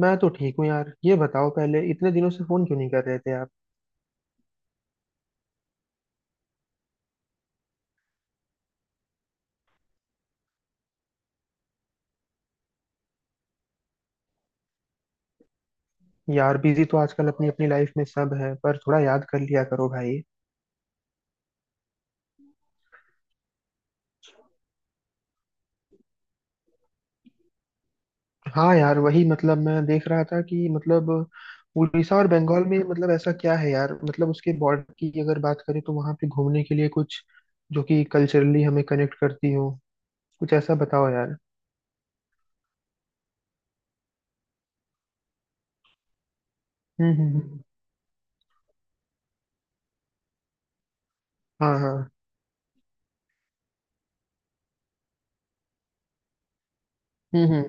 मैं तो ठीक हूँ यार। ये बताओ, पहले इतने दिनों से फोन क्यों नहीं कर रहे थे आप? यार बिजी तो आजकल अपनी अपनी लाइफ में सब है, पर थोड़ा याद कर लिया करो भाई। हाँ यार, वही मतलब, मैं देख रहा था कि मतलब उड़ीसा और बंगाल में मतलब ऐसा क्या है यार? मतलब उसके बॉर्डर की अगर बात करें तो वहाँ पे घूमने के लिए कुछ जो कि कल्चरली हमें कनेक्ट करती हो, कुछ ऐसा बताओ यार। हम्म हम्म हम्म। हाँ हाँ। हम्म।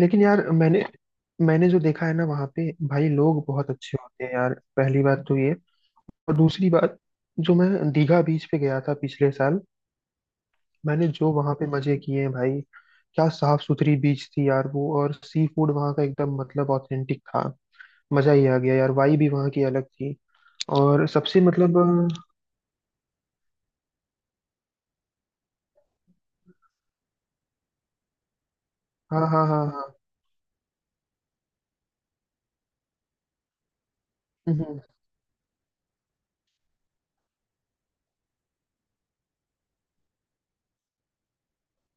लेकिन यार, मैंने मैंने जो देखा है ना वहाँ पे, भाई लोग बहुत अच्छे होते हैं यार, पहली बात तो ये। और दूसरी बात, जो मैं दीघा बीच पे गया था पिछले साल, मैंने जो वहां पे मजे किए हैं भाई! क्या साफ सुथरी बीच थी यार वो, और सी फूड वहां का एकदम मतलब ऑथेंटिक था। मजा ही आ गया यार, वाई भी वहां की अलग थी। और सबसे मतलब हाँ हाँ हाँ हाँ। हम्म, हम्म,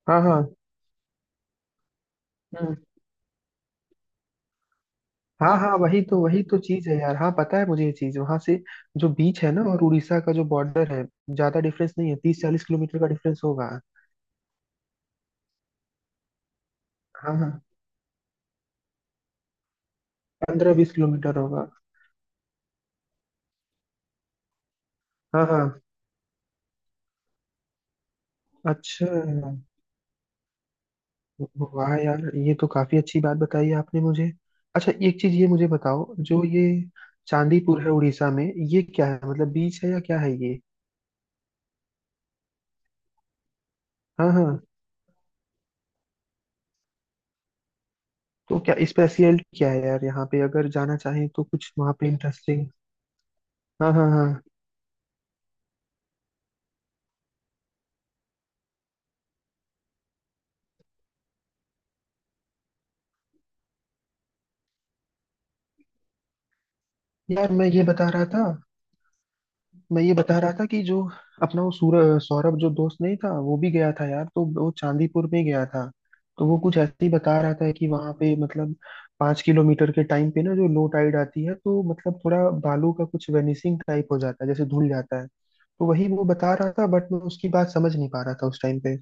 हाँ हाँ हम्म, हाँ हाँ। वही तो चीज है यार। हाँ पता है मुझे ये चीज। वहां से जो बीच है ना और उड़ीसा का जो बॉर्डर है, ज्यादा डिफरेंस नहीं है। 30-40 किलोमीटर का डिफरेंस होगा। हाँ हाँ। 15-20 किलोमीटर होगा। हाँ हाँ। अच्छा, वाह यार ये तो काफी अच्छी बात बताई आपने मुझे। अच्छा, एक चीज ये मुझे बताओ, जो ये चांदीपुर है उड़ीसा में, ये क्या है? मतलब बीच है या क्या है ये? हाँ हाँ। तो क्या स्पेशलिटी, क्या है यार यहाँ पे, अगर जाना चाहें तो कुछ वहाँ पे इंटरेस्टिंग? हाँ हाँ हाँ। यार, मैं ये बता रहा था मैं ये बता रहा था कि जो अपना वो सूर सौरभ जो दोस्त नहीं था, वो भी गया था यार। तो वो चांदीपुर में गया था। तो वो कुछ ऐसे ही बता रहा था कि वहां पे मतलब 5 किलोमीटर के टाइम पे ना जो लो टाइड आती है, तो मतलब थोड़ा बालू का कुछ वेनिसिंग टाइप हो जाता है, जैसे धुल जाता है। तो वही वो बता रहा था, बट मैं उसकी बात समझ नहीं पा रहा था उस टाइम पे।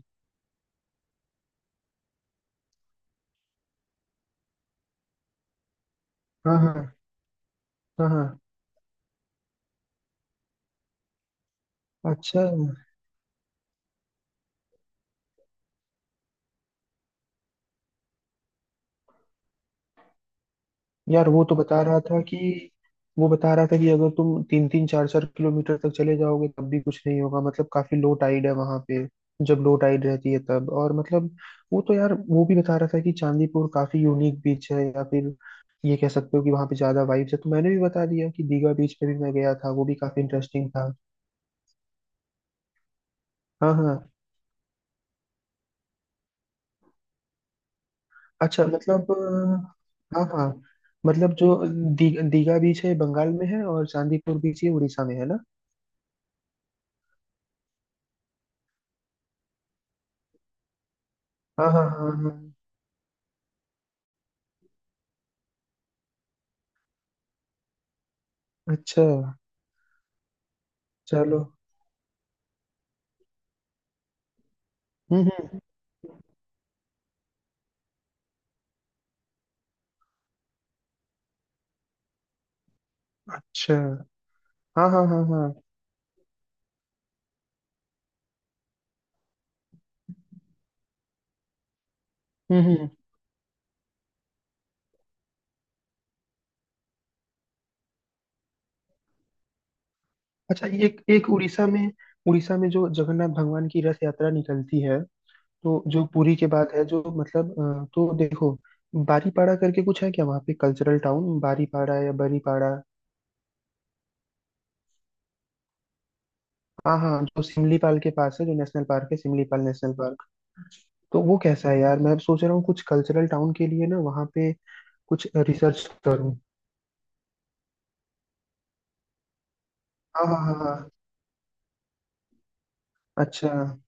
हाँ हाँ हाँ हाँ। अच्छा। यार, वो बता रहा था कि अगर तुम तीन तीन चार चार किलोमीटर तक चले जाओगे तब भी कुछ नहीं होगा। मतलब काफी लो टाइड है वहां पे, जब लो टाइड रहती है तब। और मतलब वो तो, यार वो भी बता रहा था कि चांदीपुर काफी यूनिक बीच है, या फिर ये कह सकते हो कि वहां पे ज्यादा वाइब्स है। तो मैंने भी बता दिया कि दीघा बीच पे भी मैं गया था, वो भी काफी इंटरेस्टिंग था। हाँ हाँ। अच्छा मतलब हाँ हाँ। मतलब जो दीघा बीच है बंगाल में है, और चांदीपुर बीच ये उड़ीसा में है ना। हाँ हाँ हाँ हाँ। अच्छा। चलो। हम्म। अच्छा। हाँ हाँ हाँ हाँ। हम्म हम्म। अच्छा, एक एक उड़ीसा में जो जगन्नाथ भगवान की रथ यात्रा निकलती है। तो जो पुरी के बाद है, जो मतलब तो देखो, बारीपाड़ा करके कुछ है क्या वहाँ पे कल्चरल टाउन, बारीपाड़ा या बरीपाड़ा? हाँ हाँ, जो सिमलीपाल के पास है, जो नेशनल पार्क है, सिमलीपाल नेशनल पार्क। तो वो कैसा है यार? मैं सोच रहा हूँ कुछ कल्चरल टाउन के लिए ना, वहाँ पे कुछ रिसर्च करूँ। हाँ हाँ हाँ हाँ। अच्छा।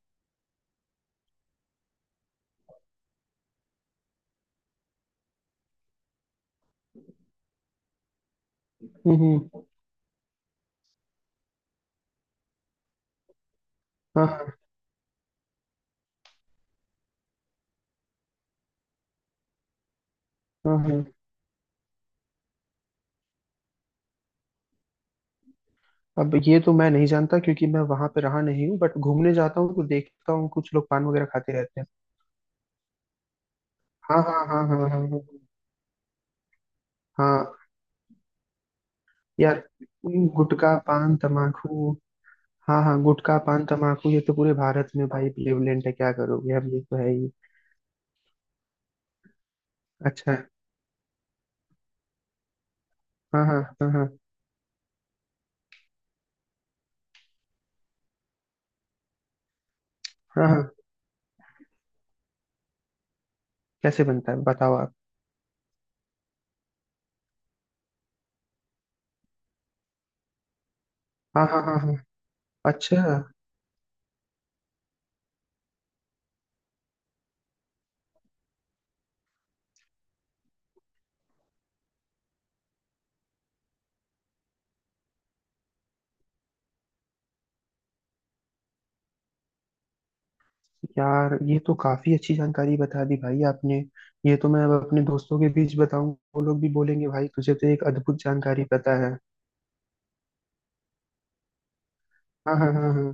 हम्म। हाँ हाँ हाँ हाँ। अब ये तो मैं नहीं जानता, क्योंकि मैं वहां पे रहा नहीं हूँ, बट घूमने जाता हूँ तो देखता हूँ कुछ लोग पान वगैरह खाते रहते हैं। हाँ हाँ हाँ हाँ हाँ हाँ हाँ। यार, गुटखा पान तमाकू! हाँ हाँ, गुटखा पान तमाकू ये तो पूरे भारत में भाई प्रेवलेंट है, क्या करोगे, अब ये तो है ही। अच्छा। हाँ हाँ हाँ हाँ हाँ हाँ। कैसे बनता है बताओ आप? हाँ हाँ हाँ हाँ। अच्छा यार, ये तो काफी अच्छी जानकारी बता दी भाई आपने। ये तो मैं अब अपने दोस्तों के बीच बताऊं, वो लोग भी बोलेंगे, भाई तुझे तो एक अद्भुत जानकारी पता है। हाँ हाँ हाँ हाँ।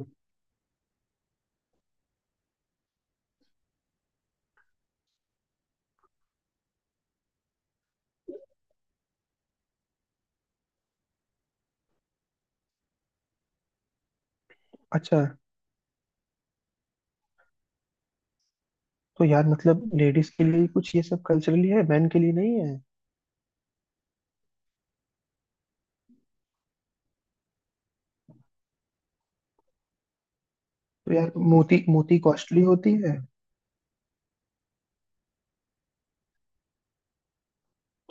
अच्छा, तो यार मतलब लेडीज के लिए कुछ ये सब कल्चरली है, मेन के लिए नहीं है? तो यार, मोती मोती कॉस्टली होती है।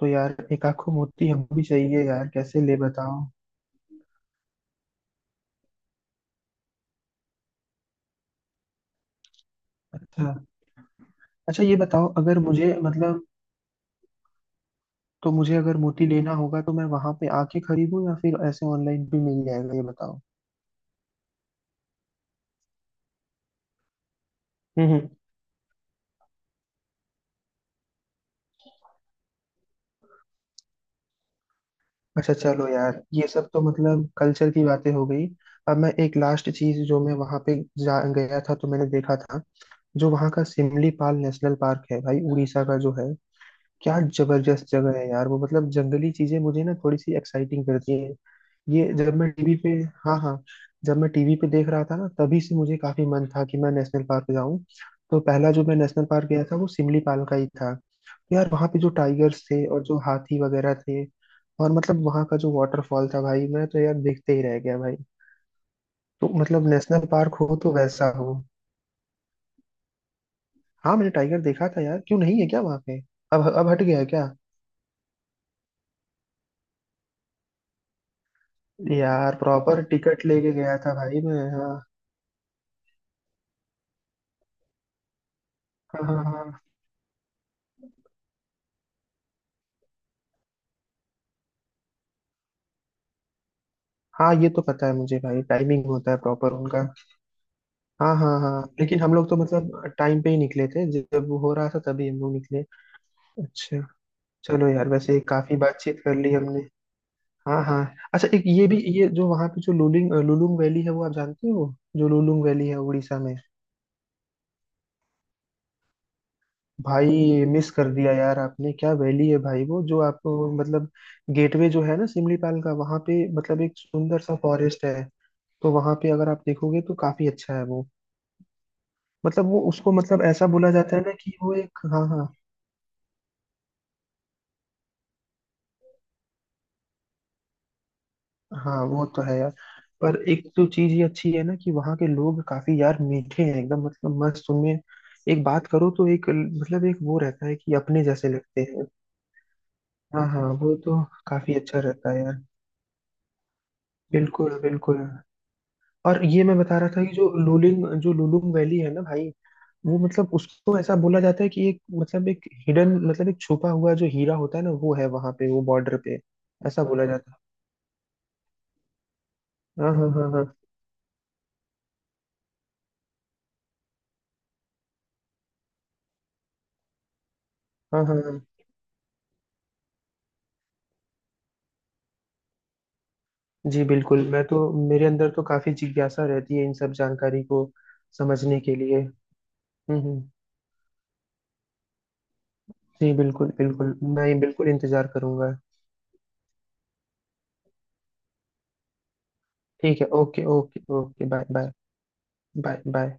तो यार, एक आखो मोती हमको भी चाहिए यार, कैसे ले बताओ। अच्छा अच्छा, ये बताओ, अगर मुझे मतलब, तो मुझे अगर मोती लेना होगा तो मैं वहां पे आके खरीदूं, या फिर ऐसे ऑनलाइन भी मिल जाएगा, ये बताओ। हम्म हम्म। अच्छा चलो यार, ये सब तो मतलब कल्चर की बातें हो गई। अब मैं एक लास्ट चीज, जो मैं वहां पे जा गया था तो मैंने देखा था, जो वहाँ का सिमलीपाल नेशनल पार्क है भाई, उड़ीसा का जो है। क्या जबरदस्त जगह है यार वो! मतलब जंगली चीजें मुझे ना थोड़ी सी एक्साइटिंग करती है। ये जब मैं टीवी पे हाँ हाँ। जब मैं टीवी पे देख रहा था ना, तभी से मुझे काफी मन था कि मैं नेशनल पार्क जाऊं। तो पहला जो मैं नेशनल पार्क गया था वो सिमलीपाल का ही था। तो यार, वहाँ पे जो टाइगर्स थे और जो हाथी वगैरह थे, और मतलब वहाँ का जो वाटरफॉल था भाई, मैं तो यार देखते ही रह गया भाई। तो मतलब नेशनल पार्क हो तो वैसा हो। हाँ, मैंने टाइगर देखा था यार। क्यों नहीं है क्या वहां पे? अब हट गया है क्या? यार प्रॉपर टिकट लेके गया था भाई मैं, हाँ। हाँ हाँ हाँ हाँ। ये तो पता है मुझे भाई, टाइमिंग होता है प्रॉपर उनका। हाँ हाँ हाँ, लेकिन हम लोग तो मतलब टाइम पे ही निकले थे, जब वो हो रहा था तभी हम लोग निकले। अच्छा। चलो यार, वैसे काफी बातचीत कर ली हमने। हाँ हाँ। अच्छा, एक ये भी, ये जो वहाँ पे जो लुलिंग लुलुंग वैली है, वो आप जानते हो? जो लुलुंग वैली है उड़ीसा में। भाई, मिस कर दिया यार आपने! क्या वैली है भाई वो, जो आप मतलब गेटवे जो है ना सिमलीपाल का, वहां पे मतलब एक सुंदर सा फॉरेस्ट है। तो वहां पे अगर आप देखोगे तो काफी अच्छा है वो। मतलब वो उसको मतलब ऐसा बोला जाता है ना कि वो एक, हाँ हाँ हाँ। वो तो है यार। पर एक तो चीज ये अच्छी है ना, कि वहाँ के लोग काफी यार मीठे हैं, एकदम मतलब मस्त उनमें। एक बात करो तो एक मतलब एक वो रहता है कि अपने जैसे लगते हैं। हाँ हाँ, वो तो काफी अच्छा रहता है यार। बिल्कुल बिल्कुल। और ये मैं बता रहा था कि जो लुलिंग जो लुलुंग वैली है ना भाई, वो मतलब उसको ऐसा बोला जाता है कि एक मतलब एक हिडन, मतलब एक छुपा हुआ जो हीरा होता है ना, वो है वहां पे, वो बॉर्डर पे। ऐसा बोला जाता है। हाँ हाँ हाँ हाँ हाँ हाँ हाँ। जी बिल्कुल, मैं तो, मेरे अंदर तो काफी जिज्ञासा रहती है इन सब जानकारी को समझने के लिए। हम्म हम्म। जी बिल्कुल बिल्कुल, मैं बिल्कुल इंतजार करूंगा। ठीक है। Okay okay okay. Bye bye. Bye bye.